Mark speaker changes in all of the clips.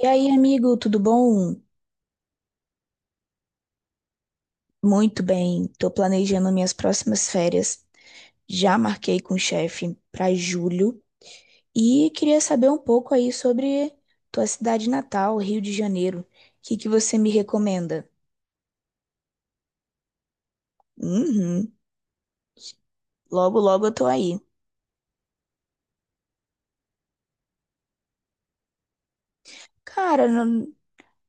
Speaker 1: E aí, amigo, tudo bom? Muito bem. Tô planejando minhas próximas férias. Já marquei com o chefe para julho e queria saber um pouco aí sobre tua cidade natal, Rio de Janeiro. O que que você me recomenda? Uhum. Logo, logo eu tô aí. Cara, não,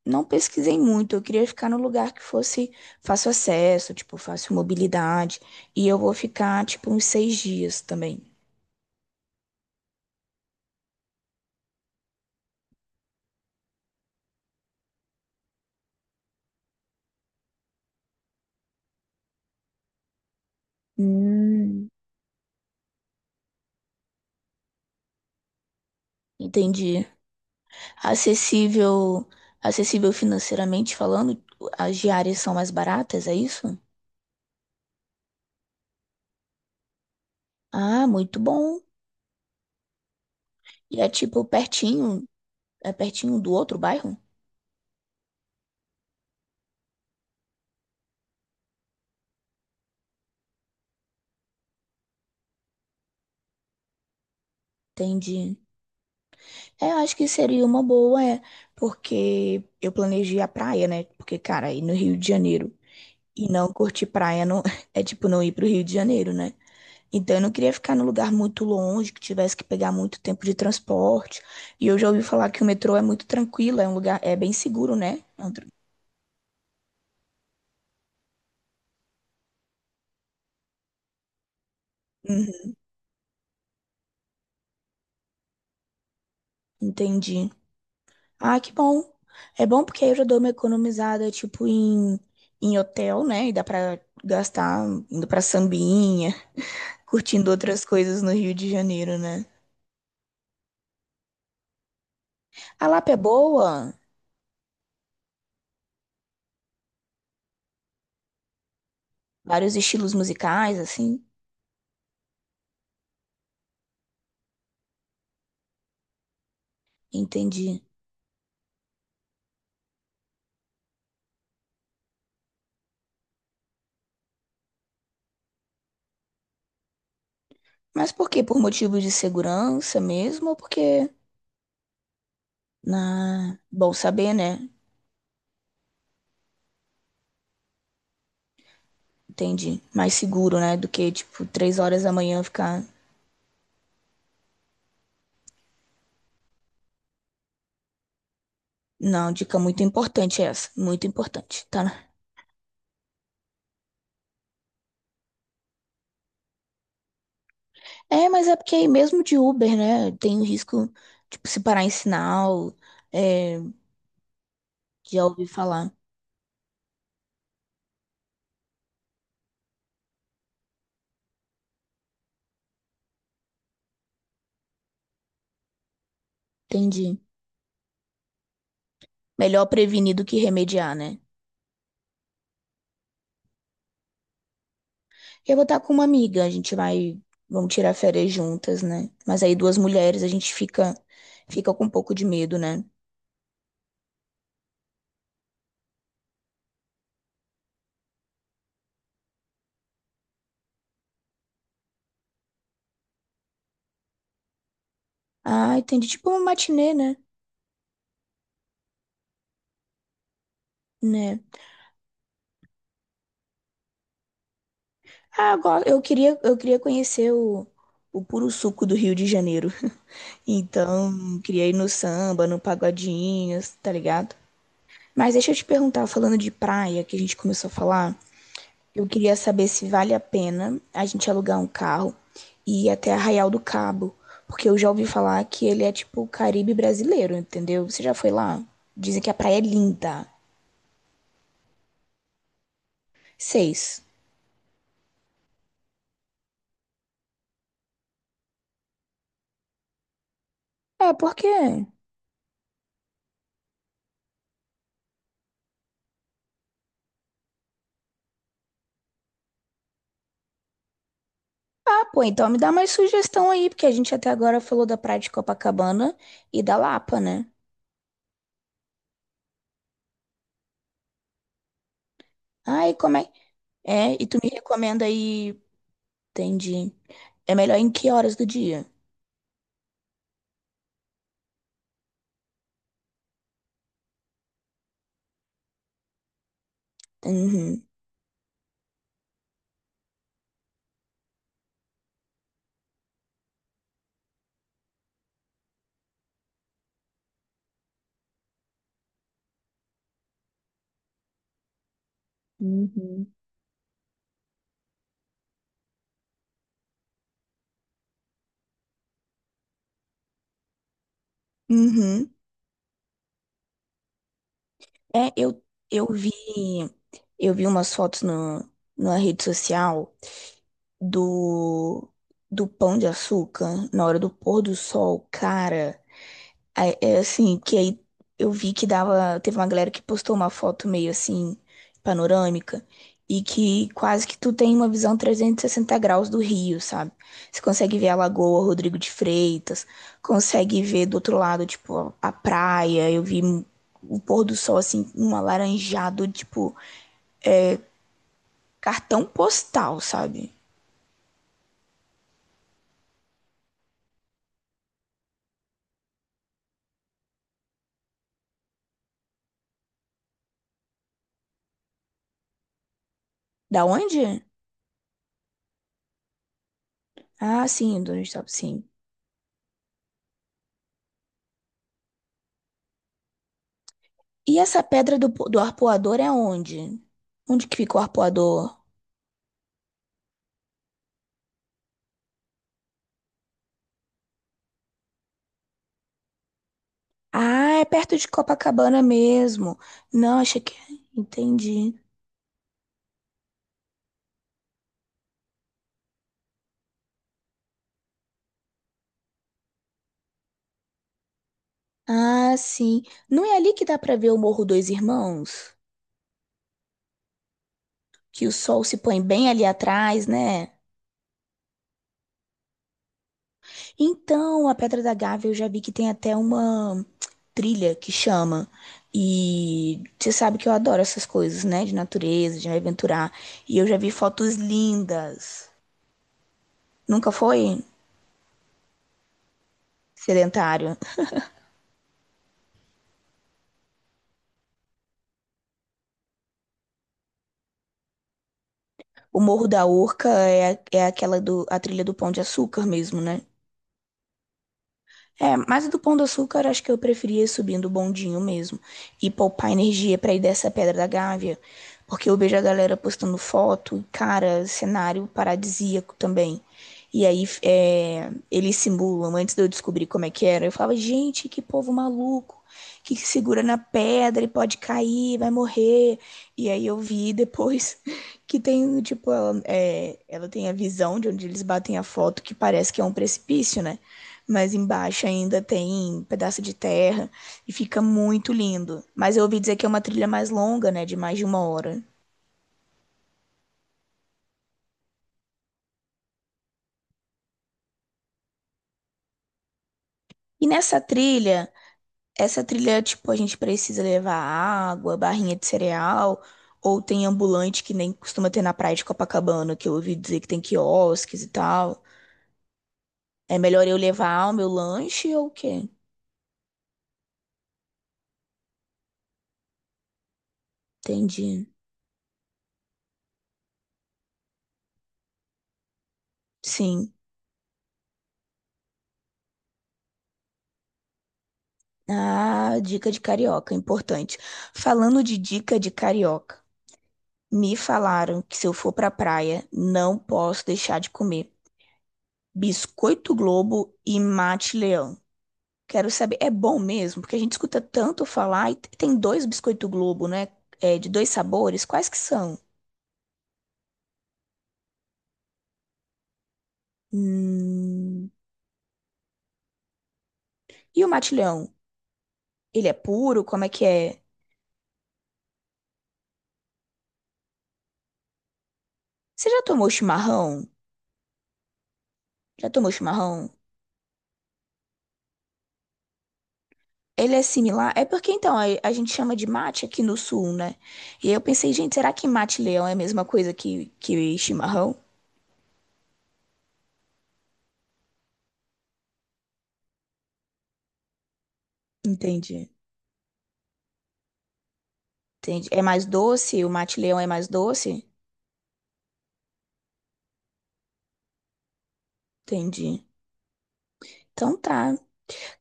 Speaker 1: não pesquisei muito. Eu queria ficar no lugar que fosse fácil acesso, tipo, fácil mobilidade. E eu vou ficar, tipo, uns 6 dias também. Hum, entendi. Acessível, acessível financeiramente falando, as diárias são mais baratas, é isso? Ah, muito bom. E é tipo pertinho, é pertinho do outro bairro? Entendi. É, acho que seria uma boa, é, porque eu planejei a praia, né? Porque, cara, ir no Rio de Janeiro e não curtir praia não é tipo não ir pro Rio de Janeiro, né? Então eu não queria ficar num lugar muito longe, que tivesse que pegar muito tempo de transporte. E eu já ouvi falar que o metrô é muito tranquilo, é um lugar, é bem seguro, né? Uhum, entendi. Ah, que bom. É bom porque aí eu já dou uma economizada, tipo, em, em hotel, né? E dá pra gastar indo pra sambinha, curtindo outras coisas no Rio de Janeiro, né? A Lapa é boa, vários estilos musicais, assim. Entendi. Mas por quê? Por motivo de segurança mesmo? Ou porque, Bom saber, né? Entendi. Mais seguro, né? Do que, tipo, 3 horas da manhã ficar... Não, dica muito importante é essa. Muito importante. Tá. É, mas é porque aí mesmo de Uber, né? Tem o risco, tipo, se parar em sinal. É, já ouvi falar. Entendi. Melhor prevenir do que remediar, né? Eu vou estar com uma amiga, a gente vai. Vamos tirar férias juntas, né? Mas aí duas mulheres, a gente fica, fica com um pouco de medo, né? Ah, entendi. Tipo uma matinê, né? Né? Ah, agora eu queria conhecer o puro suco do Rio de Janeiro. Então, queria ir no samba, no pagodinho, tá ligado? Mas deixa eu te perguntar, falando de praia, que a gente começou a falar, eu queria saber se vale a pena a gente alugar um carro e ir até Arraial do Cabo, porque eu já ouvi falar que ele é tipo o Caribe brasileiro, entendeu? Você já foi lá? Dizem que a praia é linda. 6. Ah, por quê? Ah, pô, então me dá mais sugestão aí, porque a gente até agora falou da praia de Copacabana e da Lapa, né? Ah, e como é? É, e tu me recomenda aí, entendi. É melhor em que horas do dia? Uhum. Uhum. Uhum. É, eu vi, eu vi umas fotos no, na rede social do, do Pão de Açúcar na hora do pôr do sol. Cara, aí, é assim, que aí eu vi que dava. Teve uma galera que postou uma foto meio assim, panorâmica, e que quase que tu tem uma visão 360 graus do Rio, sabe? Você consegue ver a Lagoa Rodrigo de Freitas, consegue ver do outro lado, tipo, a praia. O pôr do sol, assim, um alaranjado, tipo, cartão postal, sabe? Da onde? Ah, sim, do onde sim. E essa pedra do arpoador é onde? Onde que fica o arpoador? Ah, é perto de Copacabana mesmo. Não, achei que. É, entendi. Ah, sim. Não é ali que dá pra ver o Morro Dois Irmãos? Que o sol se põe bem ali atrás, né? Então, a Pedra da Gávea eu já vi que tem até uma trilha que chama. E você sabe que eu adoro essas coisas, né? De natureza, de me aventurar. E eu já vi fotos lindas. Nunca foi sedentário. O Morro da Urca é, é aquela do, a trilha do Pão de Açúcar mesmo, né? É, mas do Pão de Açúcar, acho que eu preferia ir subindo o bondinho mesmo. E poupar energia pra ir dessa Pedra da Gávea. Porque eu vejo a galera postando foto, e, cara, cenário paradisíaco também. E aí, eles simulam, antes de eu descobrir como é que era, eu falava, gente, que povo maluco, que segura na pedra e pode cair, vai morrer. E aí eu vi depois que tem, tipo, ela, é, ela tem a visão de onde eles batem a foto, que parece que é um precipício, né? Mas embaixo ainda tem pedaço de terra e fica muito lindo. Mas eu ouvi dizer que é uma trilha mais longa, né, de mais de uma hora. E nessa trilha, essa trilha, tipo, a gente precisa levar água, barrinha de cereal, ou tem ambulante que nem costuma ter na praia de Copacabana, que eu ouvi dizer que tem quiosques e tal. É melhor eu levar o meu lanche ou o quê? Entendi. Sim. Ah, dica de carioca, importante. Falando de dica de carioca, me falaram que se eu for pra praia, não posso deixar de comer biscoito Globo e mate leão. Quero saber, é bom mesmo? Porque a gente escuta tanto falar e tem dois biscoito Globo, né? É, de dois sabores, quais que são? Hum. E o mate leão? Ele é puro? Como é que é? Você já tomou chimarrão? Já tomou chimarrão? Ele é similar? É porque então a gente chama de mate aqui no sul, né? E aí eu pensei, gente, será que mate leão é a mesma coisa que chimarrão? Entendi. Entendi. É mais doce? O mate leão é mais doce? Entendi. Então tá.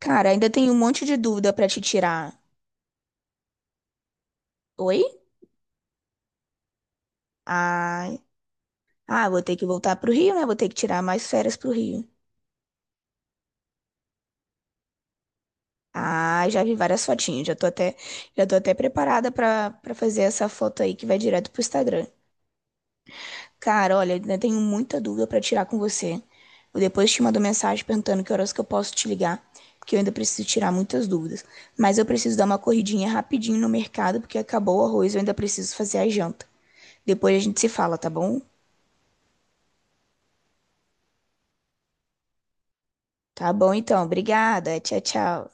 Speaker 1: Cara, ainda tem um monte de dúvida pra te tirar. Oi? Ai. Ah, vou ter que voltar pro Rio, né? Vou ter que tirar mais férias pro Rio. Ah, já vi várias fotinhas. Já tô até preparada pra para fazer essa foto aí que vai direto pro Instagram. Cara, olha, ainda tenho muita dúvida pra tirar com você. Eu depois te mando mensagem perguntando que horas que eu posso te ligar, porque eu ainda preciso tirar muitas dúvidas. Mas eu preciso dar uma corridinha rapidinho no mercado, porque acabou o arroz, eu ainda preciso fazer a janta. Depois a gente se fala, tá bom? Tá bom então, obrigada. Tchau, tchau.